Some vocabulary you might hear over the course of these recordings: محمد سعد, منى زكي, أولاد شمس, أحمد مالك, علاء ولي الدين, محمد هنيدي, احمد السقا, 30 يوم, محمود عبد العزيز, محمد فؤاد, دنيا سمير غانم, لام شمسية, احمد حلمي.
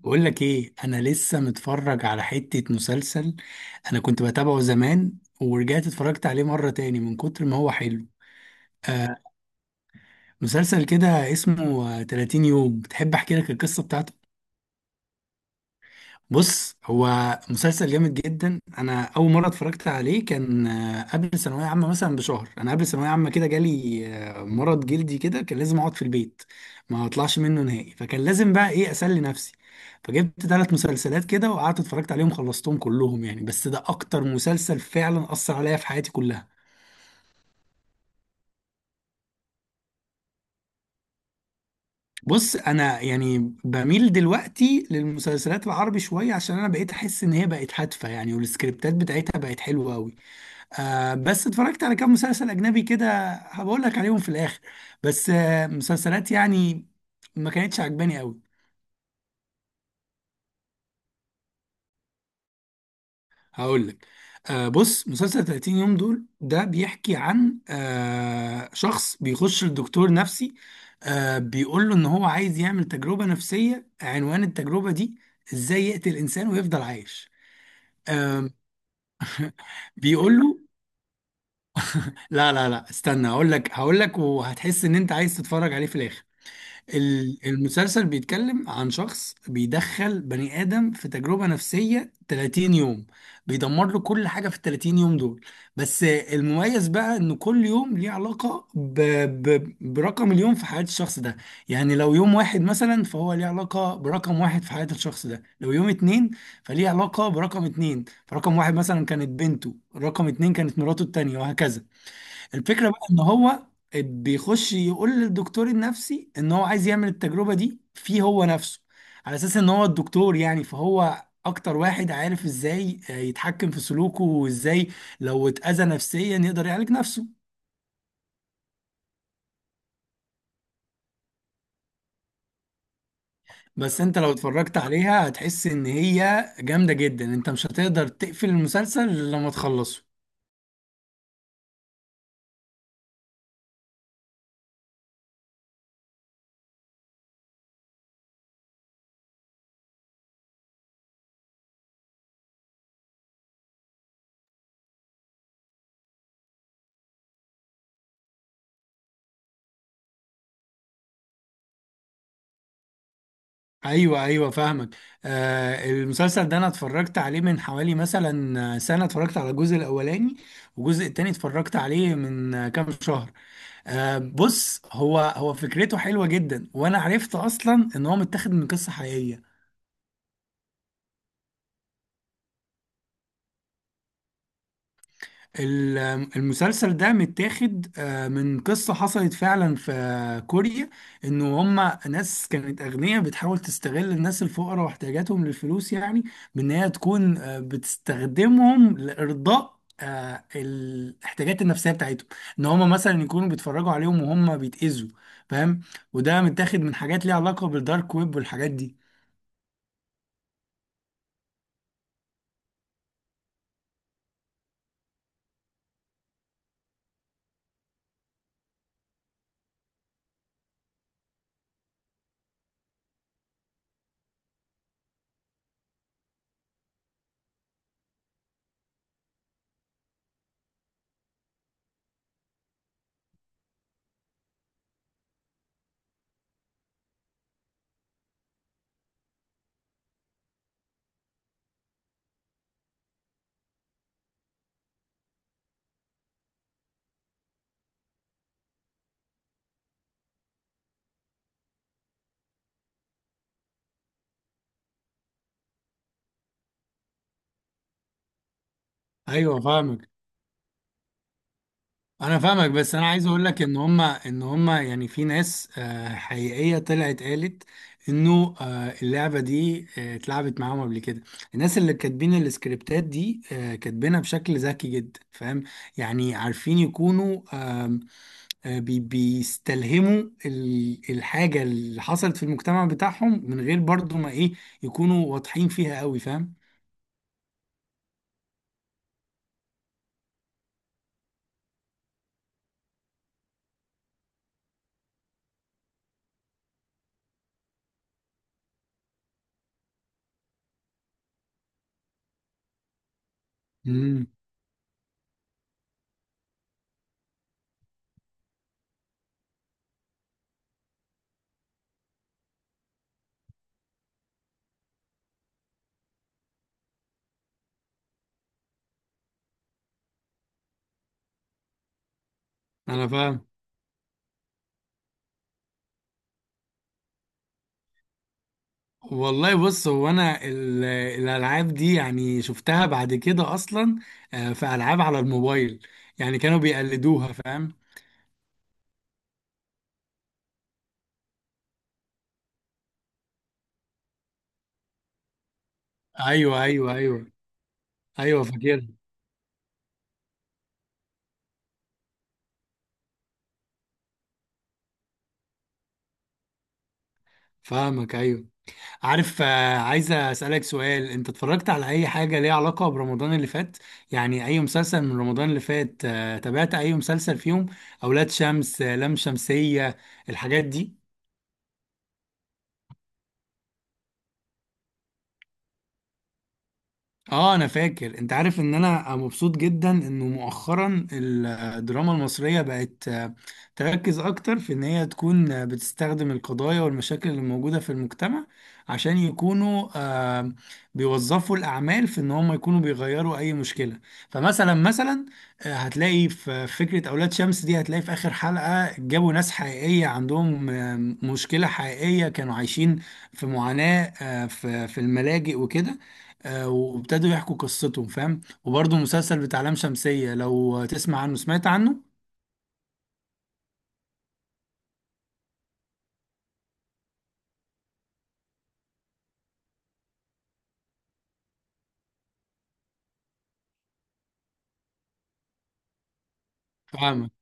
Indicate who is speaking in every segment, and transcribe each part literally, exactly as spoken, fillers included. Speaker 1: بقول لك ايه، انا لسه متفرج على حتة مسلسل. انا كنت بتابعه زمان ورجعت اتفرجت عليه مرة تاني من كتر ما هو حلو. آه، مسلسل كده اسمه آه، تلاتين يوم. تحب احكي لك القصة بتاعته؟ بص، هو مسلسل جامد جدا. انا اول مره اتفرجت عليه كان آه، قبل ثانويه عامه مثلا بشهر. انا قبل ثانويه عامه كده جالي آه، مرض جلدي كده، كان لازم اقعد في البيت ما اطلعش منه نهائي، فكان لازم بقى ايه، اسلي نفسي. فجبت ثلاث مسلسلات كده وقعدت اتفرجت عليهم، خلصتهم كلهم يعني، بس ده اكتر مسلسل فعلا اثر عليا في حياتي كلها. بص انا يعني بميل دلوقتي للمسلسلات العربي شويه، عشان انا بقيت احس ان هي بقت هادفه يعني، والسكريبتات بتاعتها بقت حلوه قوي. آه، بس اتفرجت على كام مسلسل أجنبي كده، هبقول لك عليهم في الآخر. بس آه، مسلسلات يعني ما كانتش عجباني قوي. هقول لك. آه، بص، مسلسل تلاتين يوم دول ده بيحكي عن آه، شخص بيخش لدكتور نفسي. آه، بيقول له إن هو عايز يعمل تجربة نفسية. عنوان التجربة دي إزاي يقتل إنسان ويفضل عايش. آه، بيقول له لا لا لا، استنى، هقول لك هقول لك، وهتحس إن أنت عايز تتفرج عليه في الآخر. ال- المسلسل بيتكلم عن شخص بيدخل بني آدم في تجربة نفسية تلاتين يوم، بيدمر له كل حاجة في ال تلاتين يوم دول. بس المميز بقى إن كل يوم ليه علاقة ب... ب... برقم اليوم في حياة الشخص ده. يعني لو يوم واحد مثلا، فهو ليه علاقة برقم واحد في حياة الشخص ده. لو يوم اتنين، فليه علاقة برقم اتنين. فرقم واحد مثلا كانت بنته، رقم اتنين كانت مراته التانية، وهكذا. الفكرة بقى ان هو بيخش يقول للدكتور النفسي ان هو عايز يعمل التجربة دي فيه هو نفسه، على اساس ان هو الدكتور يعني، فهو اكتر واحد عارف ازاي يتحكم في سلوكه، وازاي لو اتأذى نفسيا يقدر يعالج نفسه. بس انت لو اتفرجت عليها هتحس ان هي جامدة جدا. انت مش هتقدر تقفل المسلسل إلا لما تخلصه. ايوه ايوه، فاهمك. آه، المسلسل ده انا اتفرجت عليه من حوالي مثلا سنه، اتفرجت على الجزء الاولاني، والجزء التاني اتفرجت عليه من آه، كام شهر. آه، بص، هو هو فكرته حلوه جدا، وانا عرفت اصلا ان هو متاخد من قصه حقيقيه. ال- المسلسل ده متاخد آه، من قصة حصلت فعلا في كوريا. انه هما ناس كانت اغنياء بتحاول تستغل الناس الفقراء واحتياجاتهم للفلوس يعني، بان هي تكون آه، بتستخدمهم لارضاء آه، الاحتياجات النفسية بتاعتهم، ان هما مثلا يكونوا بيتفرجوا عليهم وهم بيتأذوا، فاهم؟ وده متاخد من حاجات ليها علاقة بالدارك ويب والحاجات دي. ايوه فاهمك. انا فاهمك، بس انا عايز اقول لك ان هما ان هما يعني في ناس آه، حقيقيه طلعت قالت انه آه، اللعبه دي آه، اتلعبت معاهم قبل كده. الناس اللي كاتبين السكريبتات دي آه، كاتبينها بشكل ذكي جدا، فاهم؟ يعني عارفين يكونوا آم، آه، بي- بيستلهموا ال- الحاجه اللي حصلت في المجتمع بتاعهم من غير برضو ما ايه، يكونوا واضحين فيها قوي، فاهم؟ امم، انا فاهم. والله بص، هو انا ال- الالعاب دي يعني شفتها بعد كده اصلا. آه، في العاب على الموبايل يعني كانوا بيقلدوها، فاهم؟ ايوه ايوه ايوه. ايوه فاكر. فاهمك، ايوه. عارف، آه، عايز اسالك سؤال: انت اتفرجت على اي حاجه ليها علاقه برمضان اللي فات؟ يعني اي مسلسل من رمضان اللي فات آه، تابعت اي مسلسل فيهم؟ اولاد شمس، آه، لام شمسيه، الحاجات دي. اه انا فاكر. انت عارف ان انا مبسوط جدا انه مؤخرا الدراما المصرية بقت آه، تركز اكتر في ان هي تكون آه، بتستخدم القضايا والمشاكل اللي موجودة في المجتمع، عشان يكونوا آه، بيوظفوا الاعمال في ان هم يكونوا بيغيروا اي مشكلة. فمثلا مثلا، آه، هتلاقي في فكرة اولاد شمس دي، هتلاقي في اخر حلقة جابوا ناس حقيقية عندهم آه، مشكلة حقيقية كانوا عايشين في معاناة آه، في في الملاجئ وكده. آه، وابتدوا يحكوا قصتهم، فاهم؟ وبرضه المسلسل بتاع لام شمسية، لو تسمع عنه سمعت عنه. فاهمك.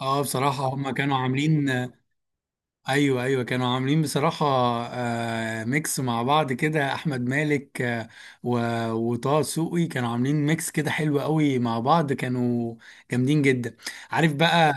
Speaker 1: اه بصراحة هما كانوا عاملين آه، ايوه ايوه، كانوا عاملين بصراحة آه، ميكس مع بعض كده. احمد مالك آه و... وطه دسوقي كانوا عاملين ميكس كده حلو قوي مع بعض، كانوا جامدين جدا. عارف بقى،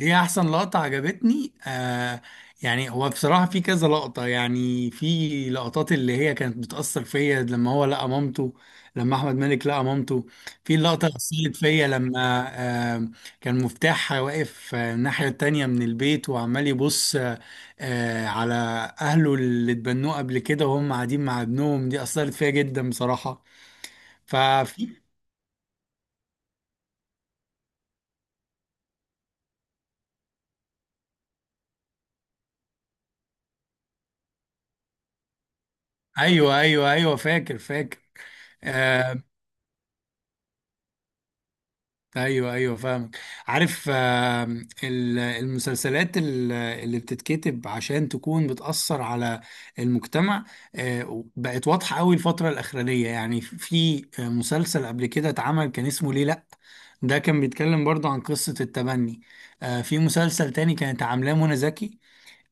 Speaker 1: هي احسن لقطة عجبتني آه، يعني هو بصراحة في كذا لقطة، يعني في لقطات اللي هي كانت بتأثر فيا. لما هو لقى مامته، لما احمد مالك لقى مامته، في اللقطة اللي أثرت فيا لما آه كان مفتاح واقف آه، الناحية التانية من البيت وعمال يبص آه آه، على اهله اللي اتبنوه قبل كده وهم قاعدين مع ابنهم، دي أثرت فيا جدا بصراحة. ففي ايوه ايوه ايوه، فاكر فاكر. آه، ايوه ايوه، فاهمك. عارف، آم، ال- المسلسلات ال- اللي بتتكتب عشان تكون بتأثر على المجتمع آه، بقت واضحة قوي الفترة الأخرانية. يعني في آه، مسلسل قبل كده اتعمل كان اسمه ليه لأ، ده كان بيتكلم برضه عن قصة التبني. آه، في مسلسل تاني كانت عاملاه منى زكي،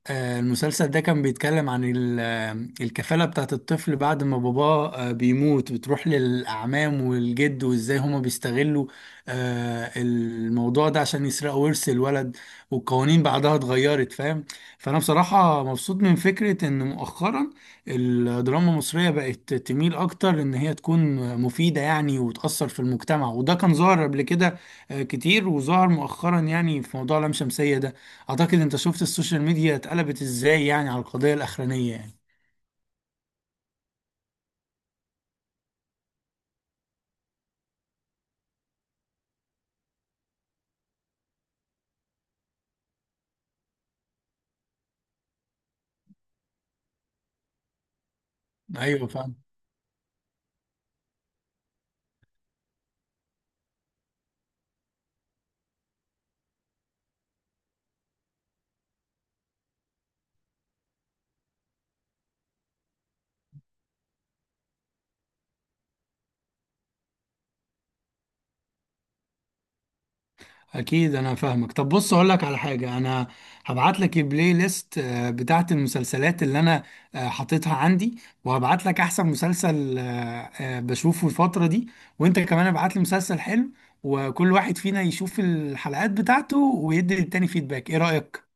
Speaker 1: آه، المسلسل ده كان بيتكلم عن ال- آه، الكفالة بتاعت الطفل بعد ما باباه آه، بيموت بتروح للأعمام والجد، وإزاي هما بيستغلوا آه، الموضوع ده عشان يسرقوا ورث الولد، والقوانين بعدها اتغيرت، فاهم؟ فأنا بصراحة مبسوط من فكرة إن مؤخرا الدراما المصرية بقت تميل أكتر إن هي تكون مفيدة يعني، وتأثر في المجتمع. وده كان ظاهر قبل كده آه، كتير، وظهر مؤخرا يعني في موضوع لام شمسية ده. اعتقد انت شفت السوشيال ميديا اتقلبت ازاي يعني على القضية الاخرانية يعني. ايوه فاهم. اكيد انا فاهمك. طب بص، اقول لك على حاجة، انا هبعت لك البلاي ليست آه، بتاعت المسلسلات اللي انا آه، حاططها عندي، وهبعت لك احسن مسلسل آه، آه، بشوفه الفترة دي. وانت كمان ابعت لي مسلسل حلو، وكل واحد فينا يشوف الحلقات بتاعته ويدي للتاني فيدباك. ايه رأيك؟